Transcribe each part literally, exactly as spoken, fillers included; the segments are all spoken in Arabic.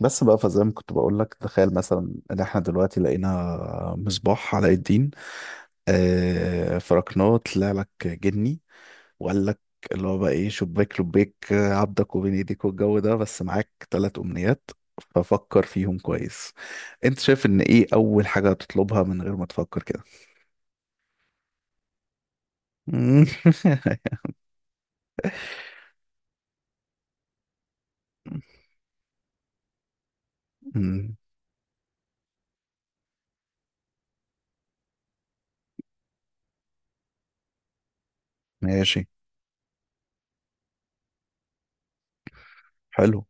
بس بقى فزي ما كنت بقول لك تخيل مثلا ان احنا دلوقتي لقينا مصباح علاء الدين آه فركناه طلع لك جني وقال لك اللي هو بقى ايه شباك لبيك آه، عبدك وبين ايديك والجو ده بس معاك ثلاث امنيات ففكر فيهم كويس. انت شايف ان ايه اول حاجة هتطلبها من غير ما تفكر كده؟ مم. ماشي. حلو.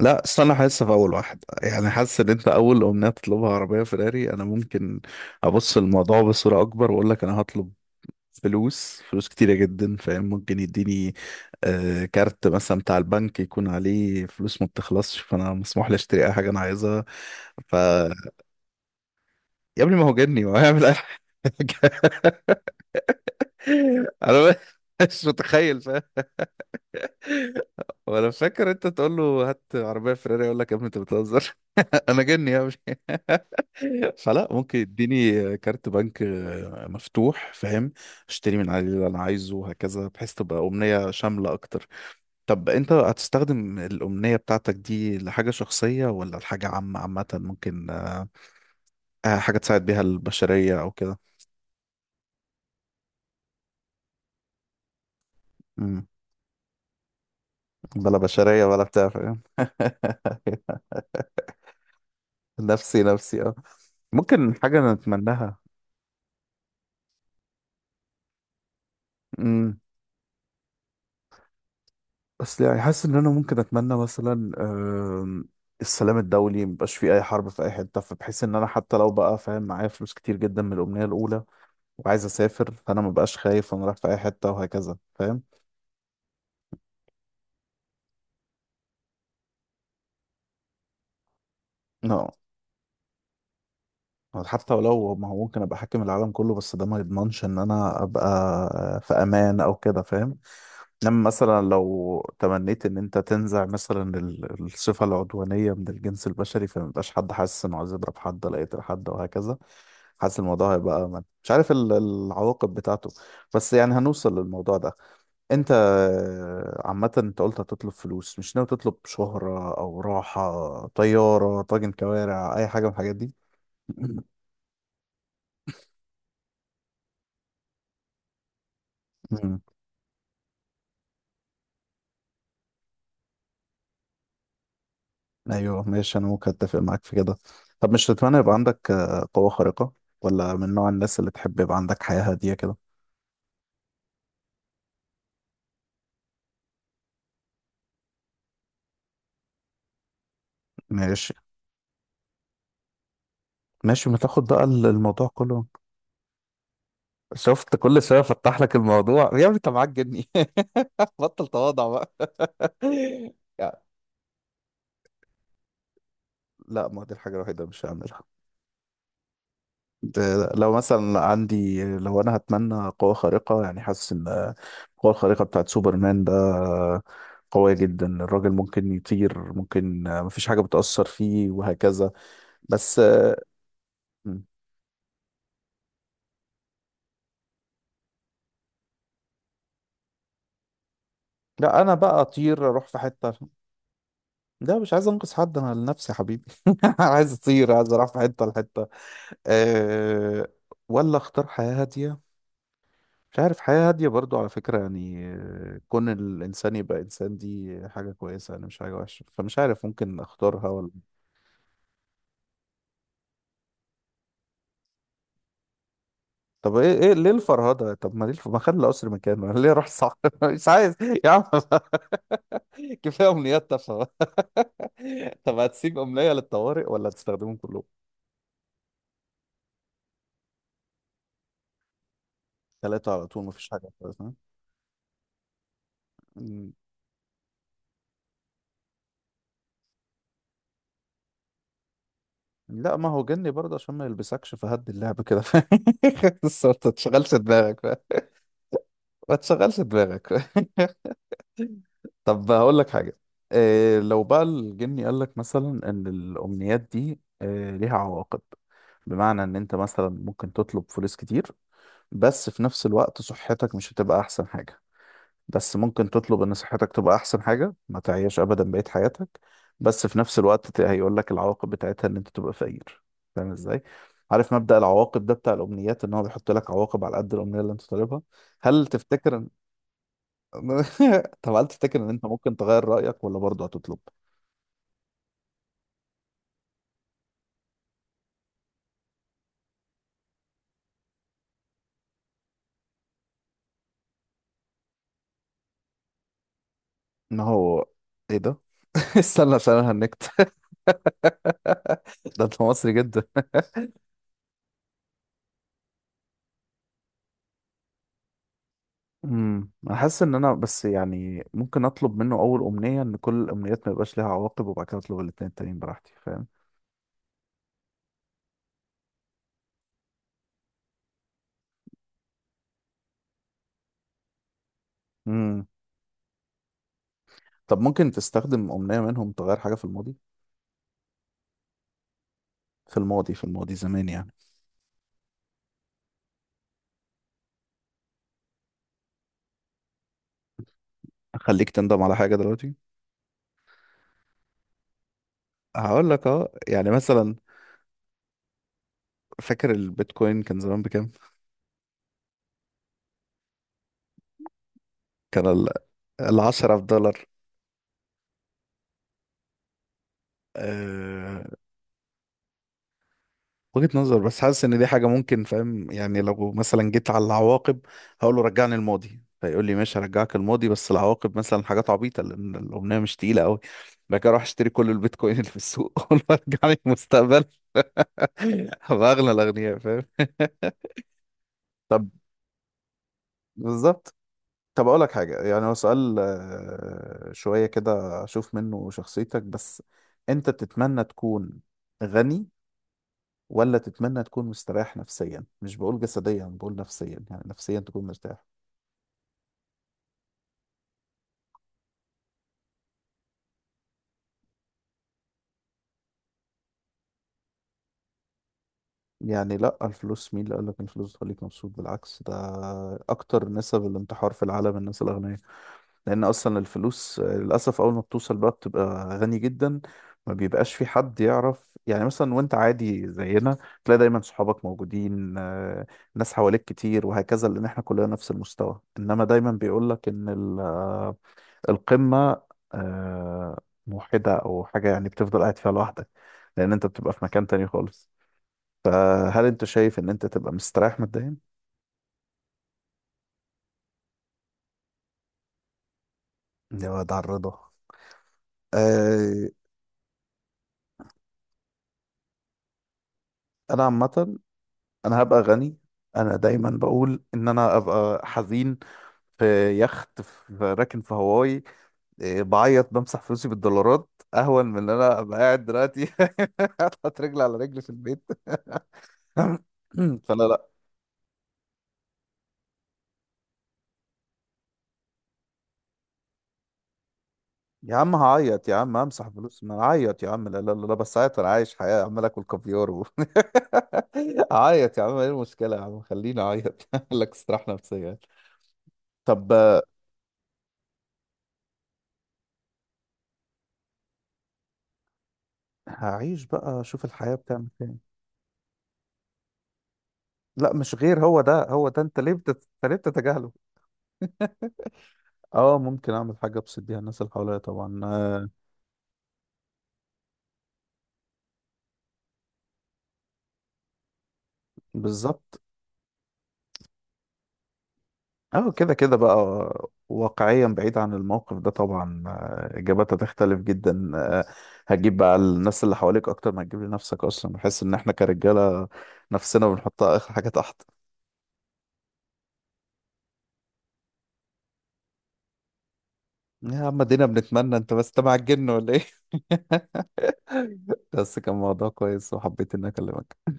لا أصل أنا حاسس في أول واحد، يعني حاسس إن أنت أول أمنية تطلبها عربية فيراري. أنا ممكن أبص الموضوع بصورة أكبر وأقول لك أنا هطلب فلوس فلوس كتيرة جدا، فاهم؟ ممكن يديني آه كارت مثلا بتاع البنك يكون عليه فلوس ما بتخلصش، فأنا مسموح لي أشتري أي حاجة أنا عايزها. ف يا ابني ما هو جني، ما هو هيعمل أي حاجة. أنا مش متخيل، فاهم؟ وأنا فاكر أنت تقول له هات عربية فيراري يقول لك يا ابني أنت بتهزر. أنا جني يا ابني، فلا ممكن يديني كارت بنك آه، مفتوح، فاهم؟ اشتري من عليه اللي انا عايزه وهكذا، بحيث تبقى امنية شاملة اكتر. طب انت هتستخدم الامنية بتاعتك دي لحاجة شخصية ولا لحاجة عامة؟ عامة ممكن آه، آه، حاجة تساعد بيها البشرية او كده. مم. بلا بشرية ولا بتاع، فاهم؟ نفسي نفسي اه ممكن حاجة نتمناها. مم. بس يعني حاسس ان انا ممكن اتمنى مثلا آم، السلام الدولي، مبقاش فيه اي حرب في اي حته، فبحيث ان انا حتى لو بقى فاهم معايا فلوس كتير جدا من الامنيه الاولى وعايز اسافر، فانا مبقاش خايف وانا رايح في اي حته وهكذا، فاهم؟ لا حتى ولو، ما هو ممكن ابقى حاكم العالم كله بس ده ما يضمنش ان انا ابقى في امان او كده، فاهم؟ انما مثلا لو تمنيت ان انت تنزع مثلا ال- الصفة العدوانية من الجنس البشري، فما يبقاش حد حاسس انه عايز يضرب حد ولا يقتل حد وهكذا. حاسس الموضوع هيبقى أمن، مش عارف ال- العواقب بتاعته. بس يعني هنوصل للموضوع ده. انت آه، عامة انت قلت هتطلب فلوس، مش ناوي تطلب شهرة او راحة طيارة طاجن كوارع اي حاجة من الحاجات دي؟ ايوه ماشي، انا ممكن اتفق معاك في كده. طب مش تتمنى يبقى عندك آه، قوة خارقة، ولا من نوع الناس اللي تحب يبقى عندك حياة هادية كده؟ ماشي ماشي، ما تاخد بقى ال- الموضوع كله. شفت كل شوية فتح لك الموضوع؟ يا ابني انت معاك جني، بطل تواضع بقى. يعني لا ما دي الحاجة الوحيدة اللي مش هعملها. ده- لو مثلا عندي، لو انا هتمنى قوة خارقة، يعني حاسس ان القوة الخارقة بتاعت سوبرمان ده قوية جدا، الراجل ممكن يطير، ممكن مفيش حاجة بتأثر فيه وهكذا. بس م. لا انا بقى اطير اروح في حتة. لا مش عايز انقذ حد، انا لنفسي يا حبيبي. عايز اطير، عايز اروح في حتة لحتة. أه. ولا اختار حياة هادية؟ مش عارف، حياة هادية برضو على فكرة، يعني آه، كون الإنسان يبقى إنسان دي حاجة كويسة يعني، مش حاجة وحشة، فمش عارف ممكن أختارها ولا. طب إيه إيه ليه الفرهدة؟ طب ما ليه الف... ما خلي القصر مكانه. أنا ليه أروح، صح؟ مش عايز. يا عم كفاية أمنيات تافهة. طب هتسيب أمنية للطوارئ ولا هتستخدمهم كلهم؟ ثلاثة على طول مفيش حاجة خالص، ها؟ مم. لا ما هو جني برضه، عشان ما يلبسكش فهد اللعبة كده. بس ما تشغلش دماغك بقى. ما تشغلش دماغك. طب هقول لك حاجة. إيه لو بقى الجني قال لك مثلا ان الامنيات دي إيه ليها عواقب؟ بمعنى ان انت مثلا ممكن تطلب فلوس كتير، بس في نفس الوقت صحتك مش هتبقى احسن حاجة. بس ممكن تطلب ان صحتك تبقى احسن حاجة، ما تعيش ابدا بقية حياتك، بس في نفس الوقت هيقول لك العواقب بتاعتها ان انت تبقى فقير. فاهم ازاي؟ عارف مبدأ العواقب ده بتاع الامنيات، ان هو بيحط لك عواقب على قد الامنية اللي انت طالبها؟ هل تفتكر؟ طب هل تفتكر ان انت ممكن تغير رأيك ولا برضه هتطلب ان هو ايه ده؟ استنى عشان انا هنكت. ده انت مصري جدا. امم انا حاسس ان انا بس، يعني ممكن اطلب منه اول امنية ان كل الامنيات ما يبقاش ليها عواقب، وبعد كده اطلب الاتنين التانيين براحتي، فاهم؟ امم طب ممكن تستخدم امنية منهم تغير حاجة في الماضي؟ في الماضي في الماضي زمان يعني. اخليك تندم على حاجة دلوقتي. هقول لك اه يعني مثلا، فاكر البيتكوين كان زمان بكام؟ كان ال العشرة في دولار، آه، وجهة نظر. بس حاسس ان دي حاجة ممكن، فاهم يعني؟ لو مثلا جيت على العواقب هقول له رجعني الماضي، فيقول لي ماشي هرجعك الماضي بس العواقب مثلا حاجات عبيطة لان الأمنية مش تقيلة قوي. بعد كده اروح اشتري كل البيتكوين اللي في السوق، اقول له رجعني المستقبل. هبقى اغنى الاغنياء، فاهم؟ طب. بالظبط. طب اقول لك حاجة، يعني هو سؤال آه، شوية كده اشوف منه شخصيتك بس. انت تتمنى تكون غني ولا تتمنى تكون مستريح نفسيا؟ مش بقول جسديا، بقول نفسيا، يعني نفسيا تكون مرتاح. يعني لا الفلوس، مين اللي قال لك إن الفلوس بتخليك مبسوط؟ بالعكس ده اكتر نسب الانتحار في العالم الناس الاغنياء. لان اصلا الفلوس آه، للاسف اول ما بتوصل بقى بتبقى غني جدا ما بيبقاش في حد يعرف، يعني مثلا وانت عادي زينا تلاقي دايما صحابك موجودين آه، ناس حواليك كتير وهكذا لان احنا كلنا نفس المستوى، انما دايما بيقول لك ان ال القمة آه، موحدة أو حاجة يعني، بتفضل قاعد فيها لوحدك، لأن أنت بتبقى في مكان تاني خالص. فهل أنت شايف إن أنت تبقى مستريح ماديا؟ يا واد على الرضا. آه، أنا عامة أنا هبقى غني، أنا دايما بقول إن أنا أبقى حزين في يخت، في في- راكن في هواي، إيه، بعيط بمسح فلوسي بالدولارات، أهون من إن أنا أبقى قاعد دلوقتي حاطط رجل على رجل في البيت. فلا لا يا عم هعيط، يا عم امسح فلوس ما اعيط، يا عم لا لا لا بس عيط انا عايش حياه عمال اكل كافيار و... اعيط يا عم، ايه المشكله يا عم خليني اعيط. اعمل لك استراحه نفسيه. طب آه، هعيش بقى اشوف الحياه بتعمل فين. لا مش غير، هو ده هو ده، انت ليه بتت... انت ليه بتتجاهله؟ اه ممكن اعمل حاجه ابسط بيها الناس اللي حواليا طبعا آه. بالظبط. اه كده كده بقى. واقعيا بعيد عن الموقف ده طبعا، آه، اجاباتها تختلف جدا، آه، هتجيب بقى الناس اللي حواليك اكتر ما هتجيب لنفسك اصلا، بحس ان احنا كرجاله نفسنا بنحطها اخر حاجه تحت. يا عم دينا بنتمنى انت بس تبع الجن ولا ايه؟ بس كان موضوع كويس وحبيت اني اكلمك.